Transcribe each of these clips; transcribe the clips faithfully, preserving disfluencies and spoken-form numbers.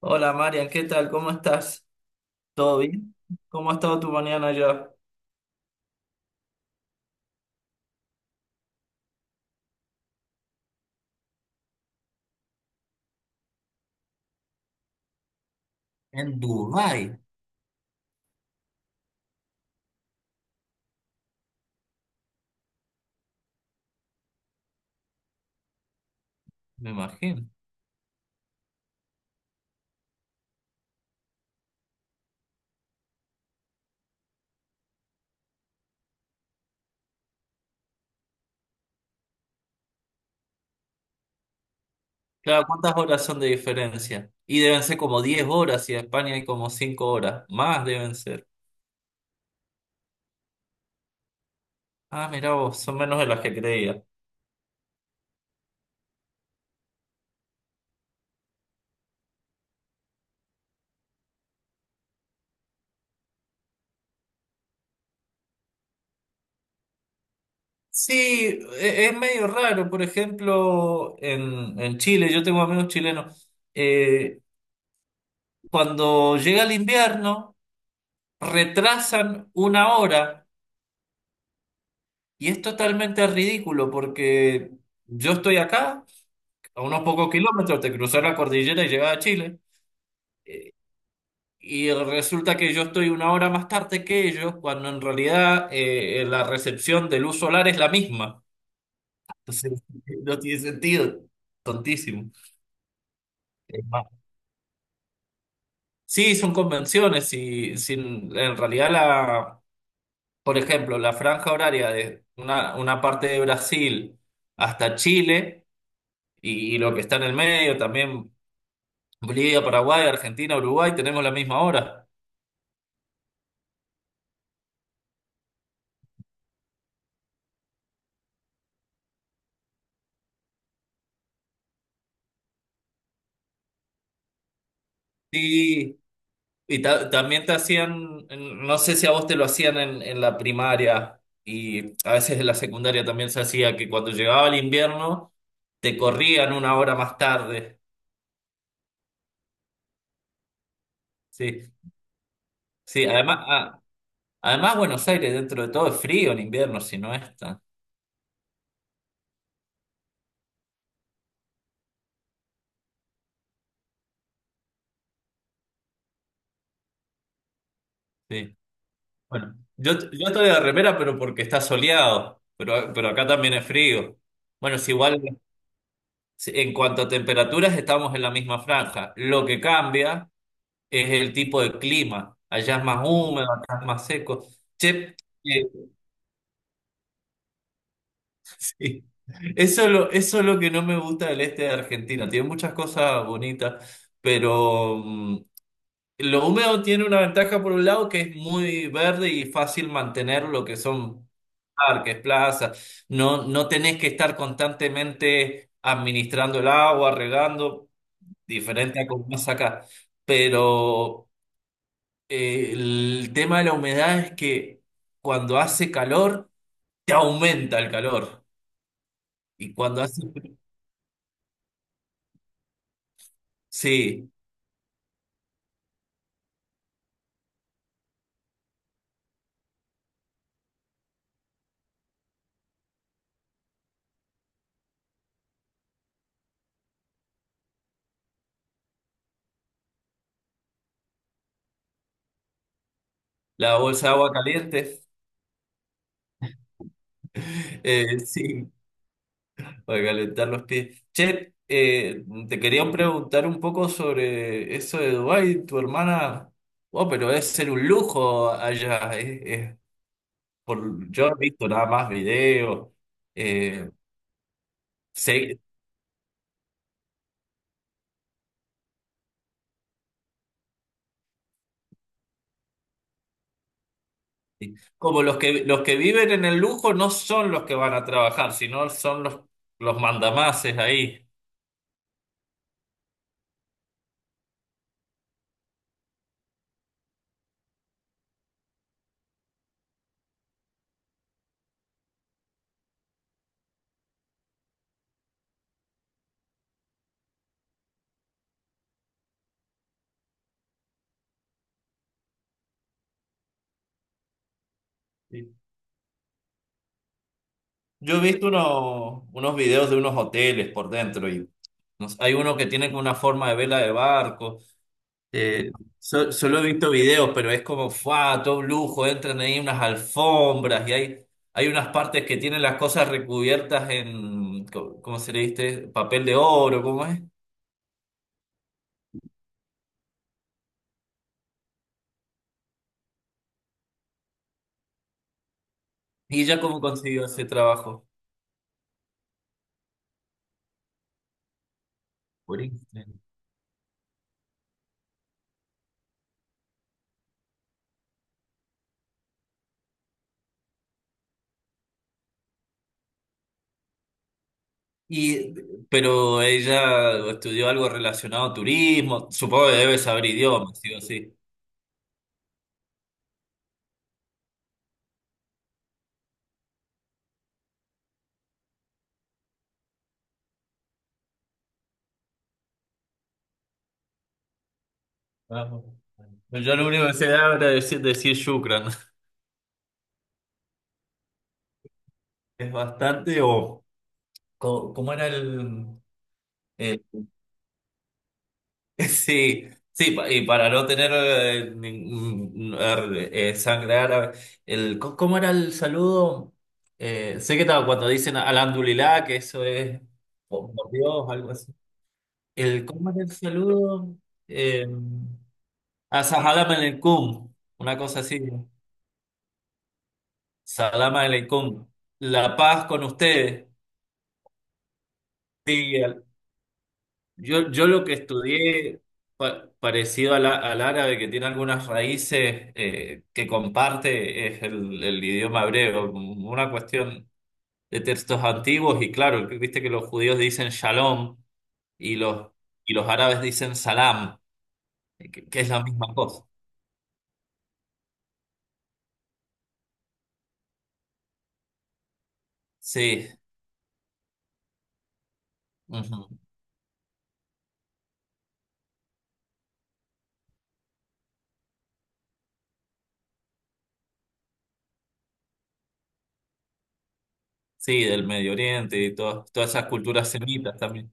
Hola Marian, ¿qué tal? ¿Cómo estás? ¿Todo bien? ¿Cómo ha estado tu mañana allá? En Dubái. Me imagino. Claro, ¿cuántas horas son de diferencia? Y deben ser como diez horas y en España hay como cinco horas. Más deben ser. Ah, mirá vos, son menos de las que creía. Sí, e- es medio raro. Por ejemplo, en, en Chile, yo tengo amigos chilenos. Eh, cuando llega el invierno, retrasan una hora. Y es totalmente ridículo porque yo estoy acá, a unos pocos kilómetros de cruzar la cordillera y llegar a Chile, eh, y resulta que yo estoy una hora más tarde que ellos, cuando en realidad eh, la recepción de luz solar es la misma. Entonces, no tiene sentido, tontísimo. Es más. Sí, son convenciones y sin, en realidad la, por ejemplo, la franja horaria de una, una parte de Brasil hasta Chile y, y lo que está en el medio también Bolivia, Paraguay, Argentina, Uruguay, tenemos la misma hora. Sí, y ta- también te hacían, no sé si a vos te lo hacían en, en la primaria y a veces en la secundaria también se hacía que cuando llegaba el invierno te corrían una hora más tarde. Sí, sí, además, a- además Buenos Aires dentro de todo es frío en invierno, si no está. Sí. Bueno, yo, yo estoy de remera, pero porque está soleado, pero, pero acá también es frío. Bueno, es igual. Sí, en cuanto a temperaturas, estamos en la misma franja. Lo que cambia es el tipo de clima. Allá es más húmedo, acá es más seco. Che, eh, sí. Eso es lo, eso es lo que no me gusta del este de Argentina. Tiene muchas cosas bonitas, pero mm, lo húmedo tiene una ventaja por un lado que es muy verde y fácil mantener lo que son parques, plazas. No, no tenés que estar constantemente administrando el agua, regando. Diferente a como más acá. Pero eh, el tema de la humedad es que cuando hace calor, te aumenta el calor. Y cuando hace frío, sí, la bolsa de agua caliente, eh, sí, para calentar los pies. Che, eh, te quería preguntar un poco sobre eso de Dubái, tu hermana. Oh, pero debe ser un lujo allá. Eh, eh, por, yo he visto nada más videos. eh, Sé. Como los que, los que viven en el lujo no son los que van a trabajar, sino son los, los mandamases ahí. Sí. Yo he visto unos, unos videos de unos hoteles por dentro y no sé, hay uno que tiene como una forma de vela de barco. Eh, so- Solo he visto videos, pero es como, ¡fua! Todo un lujo, entran ahí unas alfombras y hay, hay unas partes que tienen las cosas recubiertas en, co- ¿cómo se le dice? Papel de oro, ¿cómo es? Y ya cómo consiguió ese trabajo. Buenísimo. Y, pero ella estudió algo relacionado a turismo, supongo que debe saber idiomas, sí o sí. Vamos. Yo lo único que sé era decir, decir shukran. Es bastante, o co- ¿cómo era el, el-? Sí, sí, pa- y para no tener eh, ningún- er, eh, sangre árabe, el, co- ¿cómo era el saludo? Eh, sé que estaba cuando dicen alhamdulillah, que eso es por, por Dios, algo así. El, ¿cómo era el saludo? Em, Ah, Salam aleikum, una cosa así. Salam aleikum. La paz con ustedes. Sí, al- yo, yo lo que estudié pa- parecido al, a- al árabe, que tiene algunas raíces eh, que comparte, es el, el idioma hebreo. Una cuestión de textos antiguos y claro, que viste que los judíos dicen shalom y los, y los árabes dicen salam, que, que es la misma cosa. Sí, ujú. Sí, del Medio Oriente y todas todas esas culturas semitas también.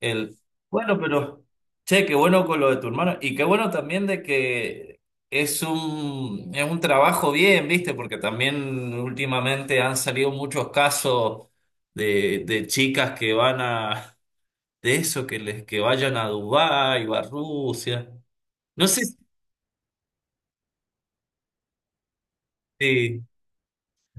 El, bueno, pero, che, qué bueno con lo de tu hermano y qué bueno también de que es un, es un trabajo bien, ¿viste? Porque también últimamente han salido muchos casos de, de chicas que van a, de eso, que les, que vayan a Dubái o a Rusia. No sé si.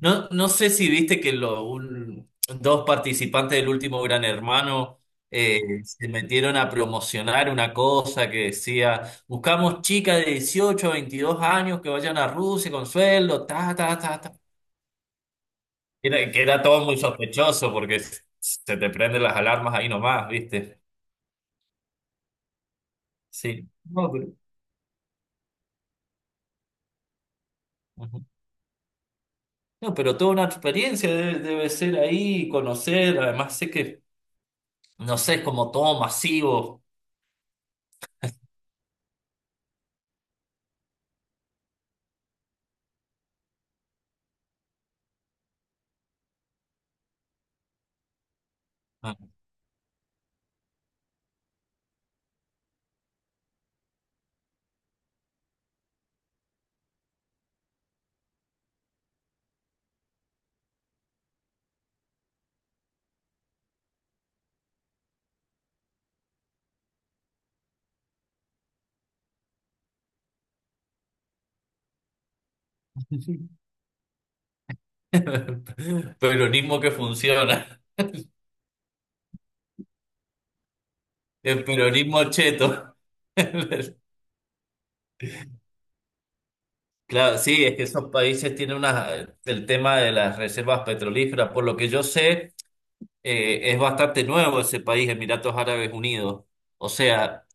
No, no sé si viste que lo- un- dos participantes del último Gran Hermano eh, se metieron a promocionar una cosa que decía, buscamos chicas de dieciocho a veintidós años que vayan a Rusia con sueldo, ta, ta, ta, ta. Era- que era todo muy sospechoso porque s- se te prenden las alarmas ahí nomás, ¿viste? Sí. No, pero, ujú. No, pero toda una experiencia debe, debe ser ahí, conocer, además sé que, no sé, es como todo masivo. Peronismo que funciona. El peronismo cheto. Claro, sí, es que esos países tienen unas, el tema de las reservas petrolíferas, por lo que yo sé, eh, es bastante nuevo ese país, Emiratos Árabes Unidos. O sea,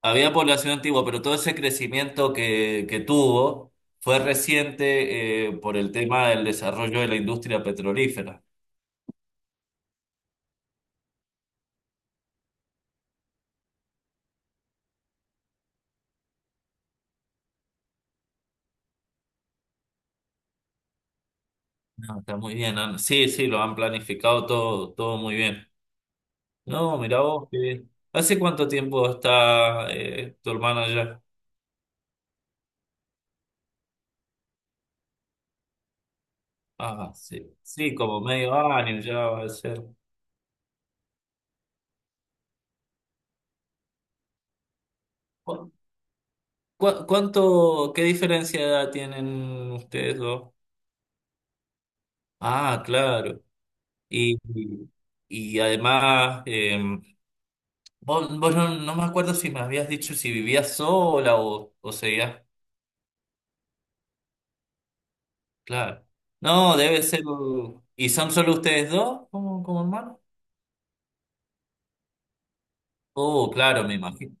había población antigua, pero todo ese crecimiento que, que tuvo fue reciente, eh, por el tema del desarrollo de la industria petrolífera. No, está muy bien. han- Sí, sí, lo han planificado todo, todo muy bien. No, mira vos, qué bien. ¿Hace cuánto tiempo está eh, tu hermana allá? Ah, sí, sí, como medio año ya va a ser. ¿Cu- cu- cuánto, qué diferencia de edad tienen ustedes dos? Ah, claro. Y, y, y además, eh, vos, vos no, no me acuerdo si me habías dicho si vivías sola o, o seguías. Claro. No, debe ser. ¿Y son solo ustedes dos como, como hermanos? Oh, claro, me imagino.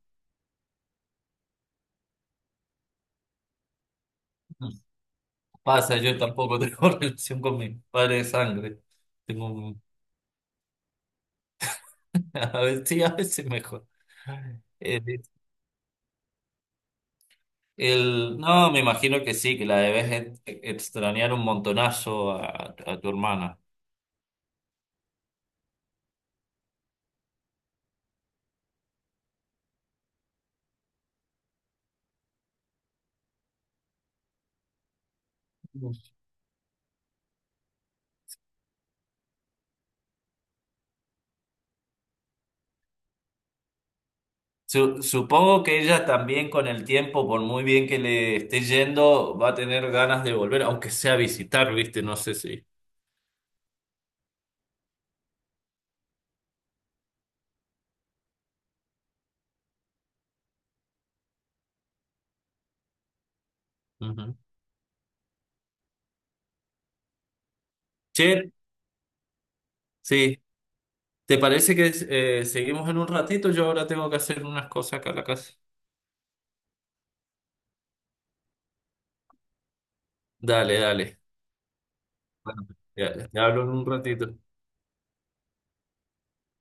Pasa, yo tampoco tengo relación con mi padre de sangre. Tengo un- A veces, sí, a veces mejor. El, el- no, me imagino que sí, que la debes ex- extrañar un montonazo a, a tu hermana. Su- supongo que ella también con el tiempo, por muy bien que le esté yendo, va a tener ganas de volver, aunque sea a visitar, ¿viste? No sé si. Ujú. Che, sí, ¿te parece que eh, seguimos en un ratito? Yo ahora tengo que hacer unas cosas acá en la casa. Dale, dale. Bueno, ya, ya hablo en un ratito.